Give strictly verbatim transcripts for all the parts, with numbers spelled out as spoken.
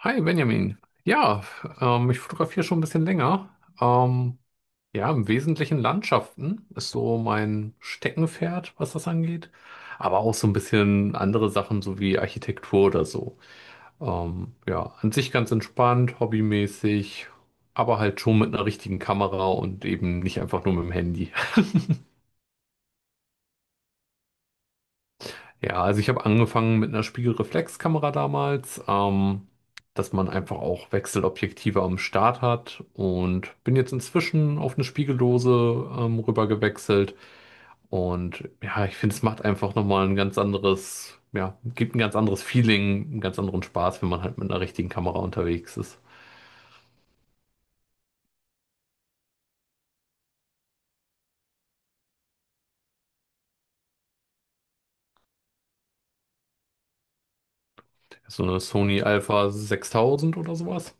Hi Benjamin. Ja, ähm, ich fotografiere schon ein bisschen länger. Ähm, ja, im Wesentlichen Landschaften ist so mein Steckenpferd, was das angeht. Aber auch so ein bisschen andere Sachen, so wie Architektur oder so. Ähm, ja, an sich ganz entspannt, hobbymäßig, aber halt schon mit einer richtigen Kamera und eben nicht einfach nur mit dem Handy. Ja, also ich habe angefangen mit einer Spiegelreflexkamera damals, ähm, dass man einfach auch Wechselobjektive am Start hat und bin jetzt inzwischen auf eine Spiegellose ähm, rüber gewechselt und ja, ich finde, es macht einfach nochmal ein ganz anderes, ja, gibt ein ganz anderes Feeling, einen ganz anderen Spaß, wenn man halt mit einer richtigen Kamera unterwegs ist. So eine Sony Alpha sechstausend oder sowas.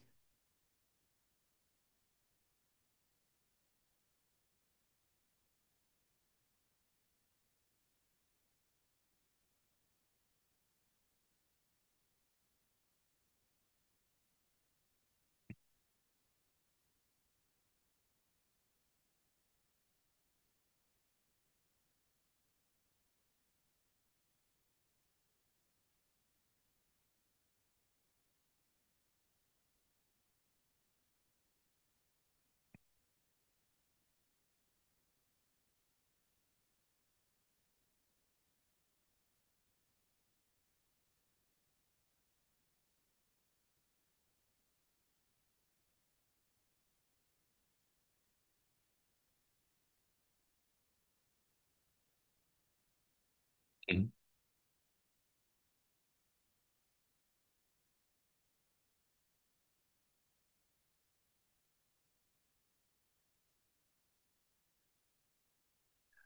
Mhm.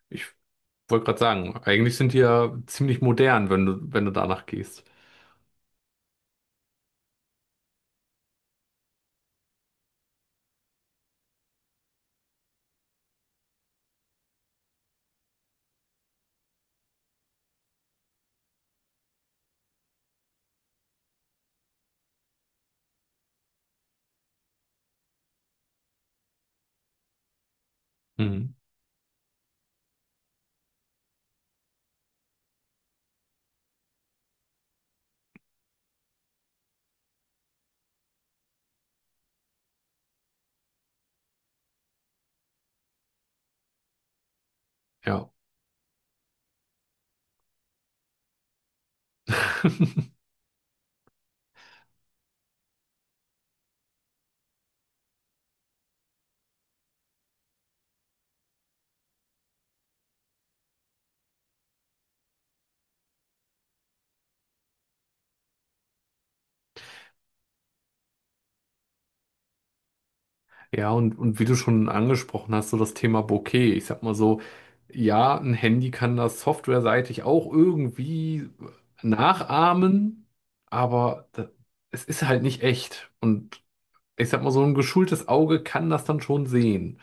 Ich wollte gerade sagen, eigentlich sind die ja ziemlich modern, wenn du, wenn du danach gehst. Mhm. Ja. Ja, und, und wie du schon angesprochen hast, so das Thema Bokeh. Ich sag mal so, ja, ein Handy kann das softwareseitig auch irgendwie nachahmen, aber da, es ist halt nicht echt. Und ich sag mal, so ein geschultes Auge kann das dann schon sehen.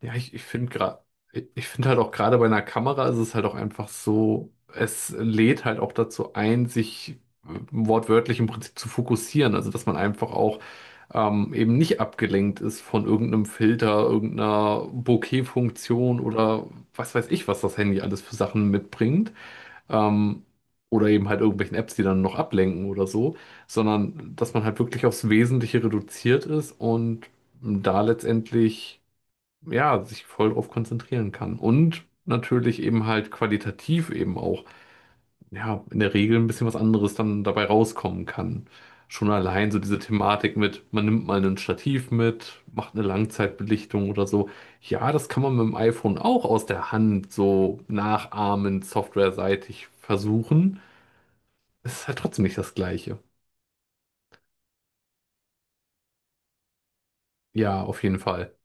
Ja, ich, ich finde gerade, ich finde halt auch gerade bei einer Kamera ist es halt auch einfach so, es lädt halt auch dazu ein, sich äh, wortwörtlich im Prinzip zu fokussieren. Also, dass man einfach auch ähm, eben nicht abgelenkt ist von irgendeinem Filter, irgendeiner Bokeh-Funktion oder was weiß ich, was das Handy alles für Sachen mitbringt. Ähm, oder eben halt irgendwelchen Apps, die dann noch ablenken oder so, sondern dass man halt wirklich aufs Wesentliche reduziert ist und da letztendlich ja, sich voll drauf konzentrieren kann. Und natürlich eben halt qualitativ eben auch, ja, in der Regel ein bisschen was anderes dann dabei rauskommen kann. Schon allein so diese Thematik mit, man nimmt mal ein Stativ mit, macht eine Langzeitbelichtung oder so. Ja, das kann man mit dem iPhone auch aus der Hand so nachahmen, softwareseitig versuchen. Es ist halt trotzdem nicht das Gleiche. Ja, auf jeden Fall.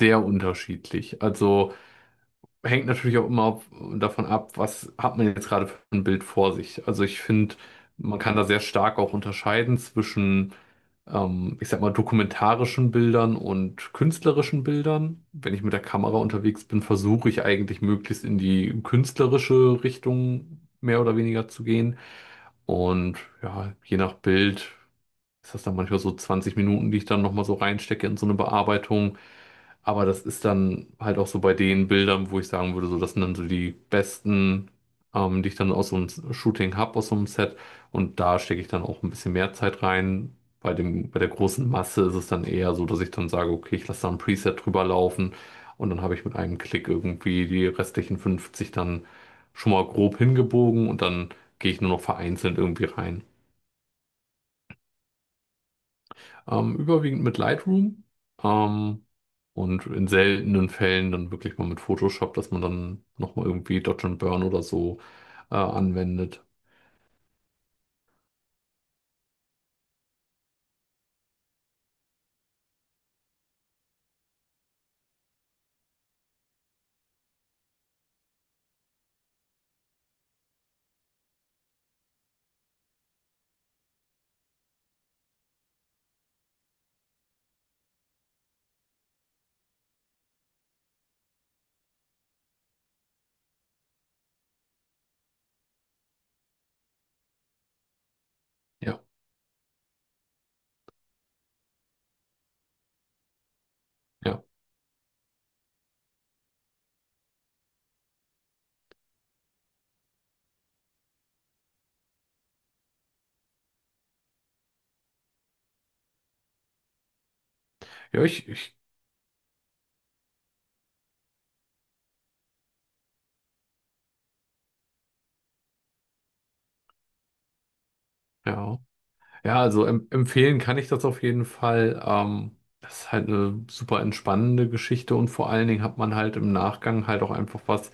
Sehr unterschiedlich. Also hängt natürlich auch immer auf, davon ab, was hat man jetzt gerade für ein Bild vor sich. Also ich finde, man kann da sehr stark auch unterscheiden zwischen, ähm, ich sag mal, dokumentarischen Bildern und künstlerischen Bildern. Wenn ich mit der Kamera unterwegs bin, versuche ich eigentlich möglichst in die künstlerische Richtung mehr oder weniger zu gehen. Und ja, je nach Bild ist das dann manchmal so zwanzig Minuten, die ich dann nochmal so reinstecke in so eine Bearbeitung. Aber das ist dann halt auch so bei den Bildern, wo ich sagen würde, so das sind dann so die besten, ähm, die ich dann aus so einem Shooting habe aus so einem Set. Und da stecke ich dann auch ein bisschen mehr Zeit rein. Bei dem, bei der großen Masse ist es dann eher so, dass ich dann sage, okay, ich lasse da ein Preset drüber laufen und dann habe ich mit einem Klick irgendwie die restlichen fünfzig dann schon mal grob hingebogen und dann gehe ich nur noch vereinzelt irgendwie rein. Ähm, überwiegend mit Lightroom ähm, und in seltenen Fällen dann wirklich mal mit Photoshop, dass man dann nochmal irgendwie Dodge and Burn oder so äh, anwendet. Ja, ja. Ja, ich, ich, ja. Ja, also em empfehlen kann ich das auf jeden Fall. Ähm, das ist halt eine super entspannende Geschichte und vor allen Dingen hat man halt im Nachgang halt auch einfach was,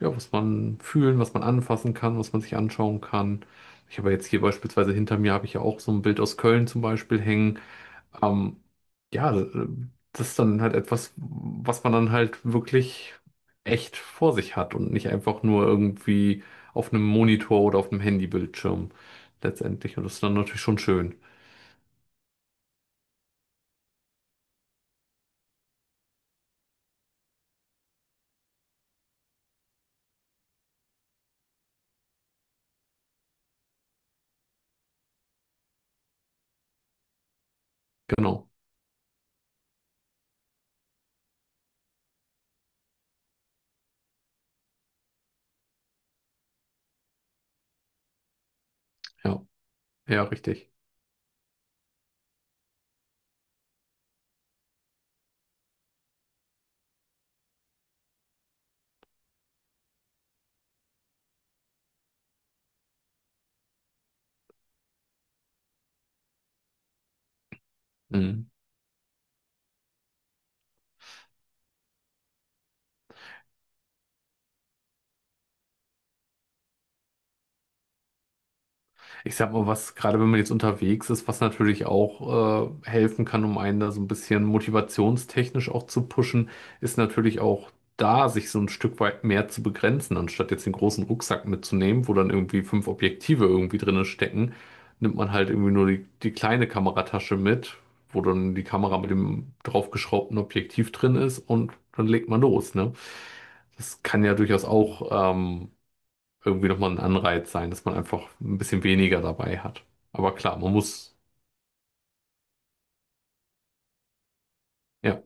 ja, was man fühlen, was man anfassen kann, was man sich anschauen kann. Ich habe jetzt hier beispielsweise hinter mir habe ich ja auch so ein Bild aus Köln zum Beispiel hängen. Ähm, ja, äh, das ist dann halt etwas, was man dann halt wirklich echt vor sich hat und nicht einfach nur irgendwie auf einem Monitor oder auf einem Handybildschirm letztendlich. Und das ist dann natürlich schon schön. Genau, ja, ja, richtig. Mhm. Ich sag mal, was gerade wenn man jetzt unterwegs ist, was natürlich auch äh, helfen kann, um einen da so ein bisschen motivationstechnisch auch zu pushen, ist natürlich auch da, sich so ein Stück weit mehr zu begrenzen, anstatt jetzt den großen Rucksack mitzunehmen, wo dann irgendwie fünf Objektive irgendwie drinne stecken, nimmt man halt irgendwie nur die, die kleine Kameratasche mit, wo dann die Kamera mit dem draufgeschraubten Objektiv drin ist und dann legt man los, ne? Das kann ja durchaus auch ähm, irgendwie nochmal ein Anreiz sein, dass man einfach ein bisschen weniger dabei hat. Aber klar, man muss, ja,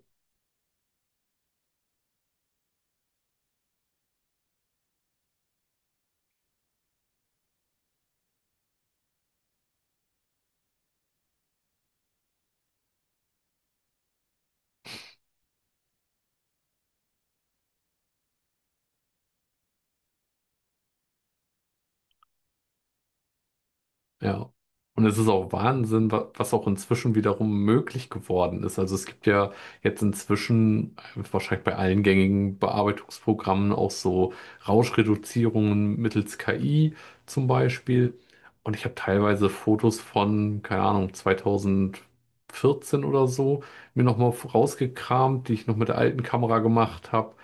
ja. Und es ist auch Wahnsinn, wa- was auch inzwischen wiederum möglich geworden ist. Also es gibt ja jetzt inzwischen äh, wahrscheinlich bei allen gängigen Bearbeitungsprogrammen auch so Rauschreduzierungen mittels K I zum Beispiel. Und ich habe teilweise Fotos von, keine Ahnung, zwanzig vierzehn oder so mir nochmal rausgekramt, die ich noch mit der alten Kamera gemacht habe,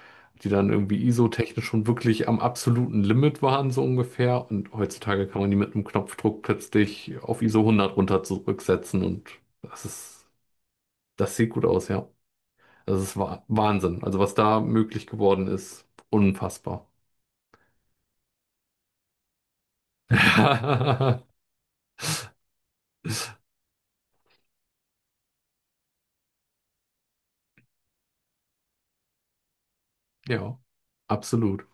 die dann irgendwie ISO-technisch schon wirklich am absoluten Limit waren, so ungefähr. Und heutzutage kann man die mit einem Knopfdruck plötzlich auf ISO hundert runter zurücksetzen und das ist, das sieht gut aus, ja. Das ist Wa- Wahnsinn. Also was da möglich geworden ist, unfassbar. Ja, absolut.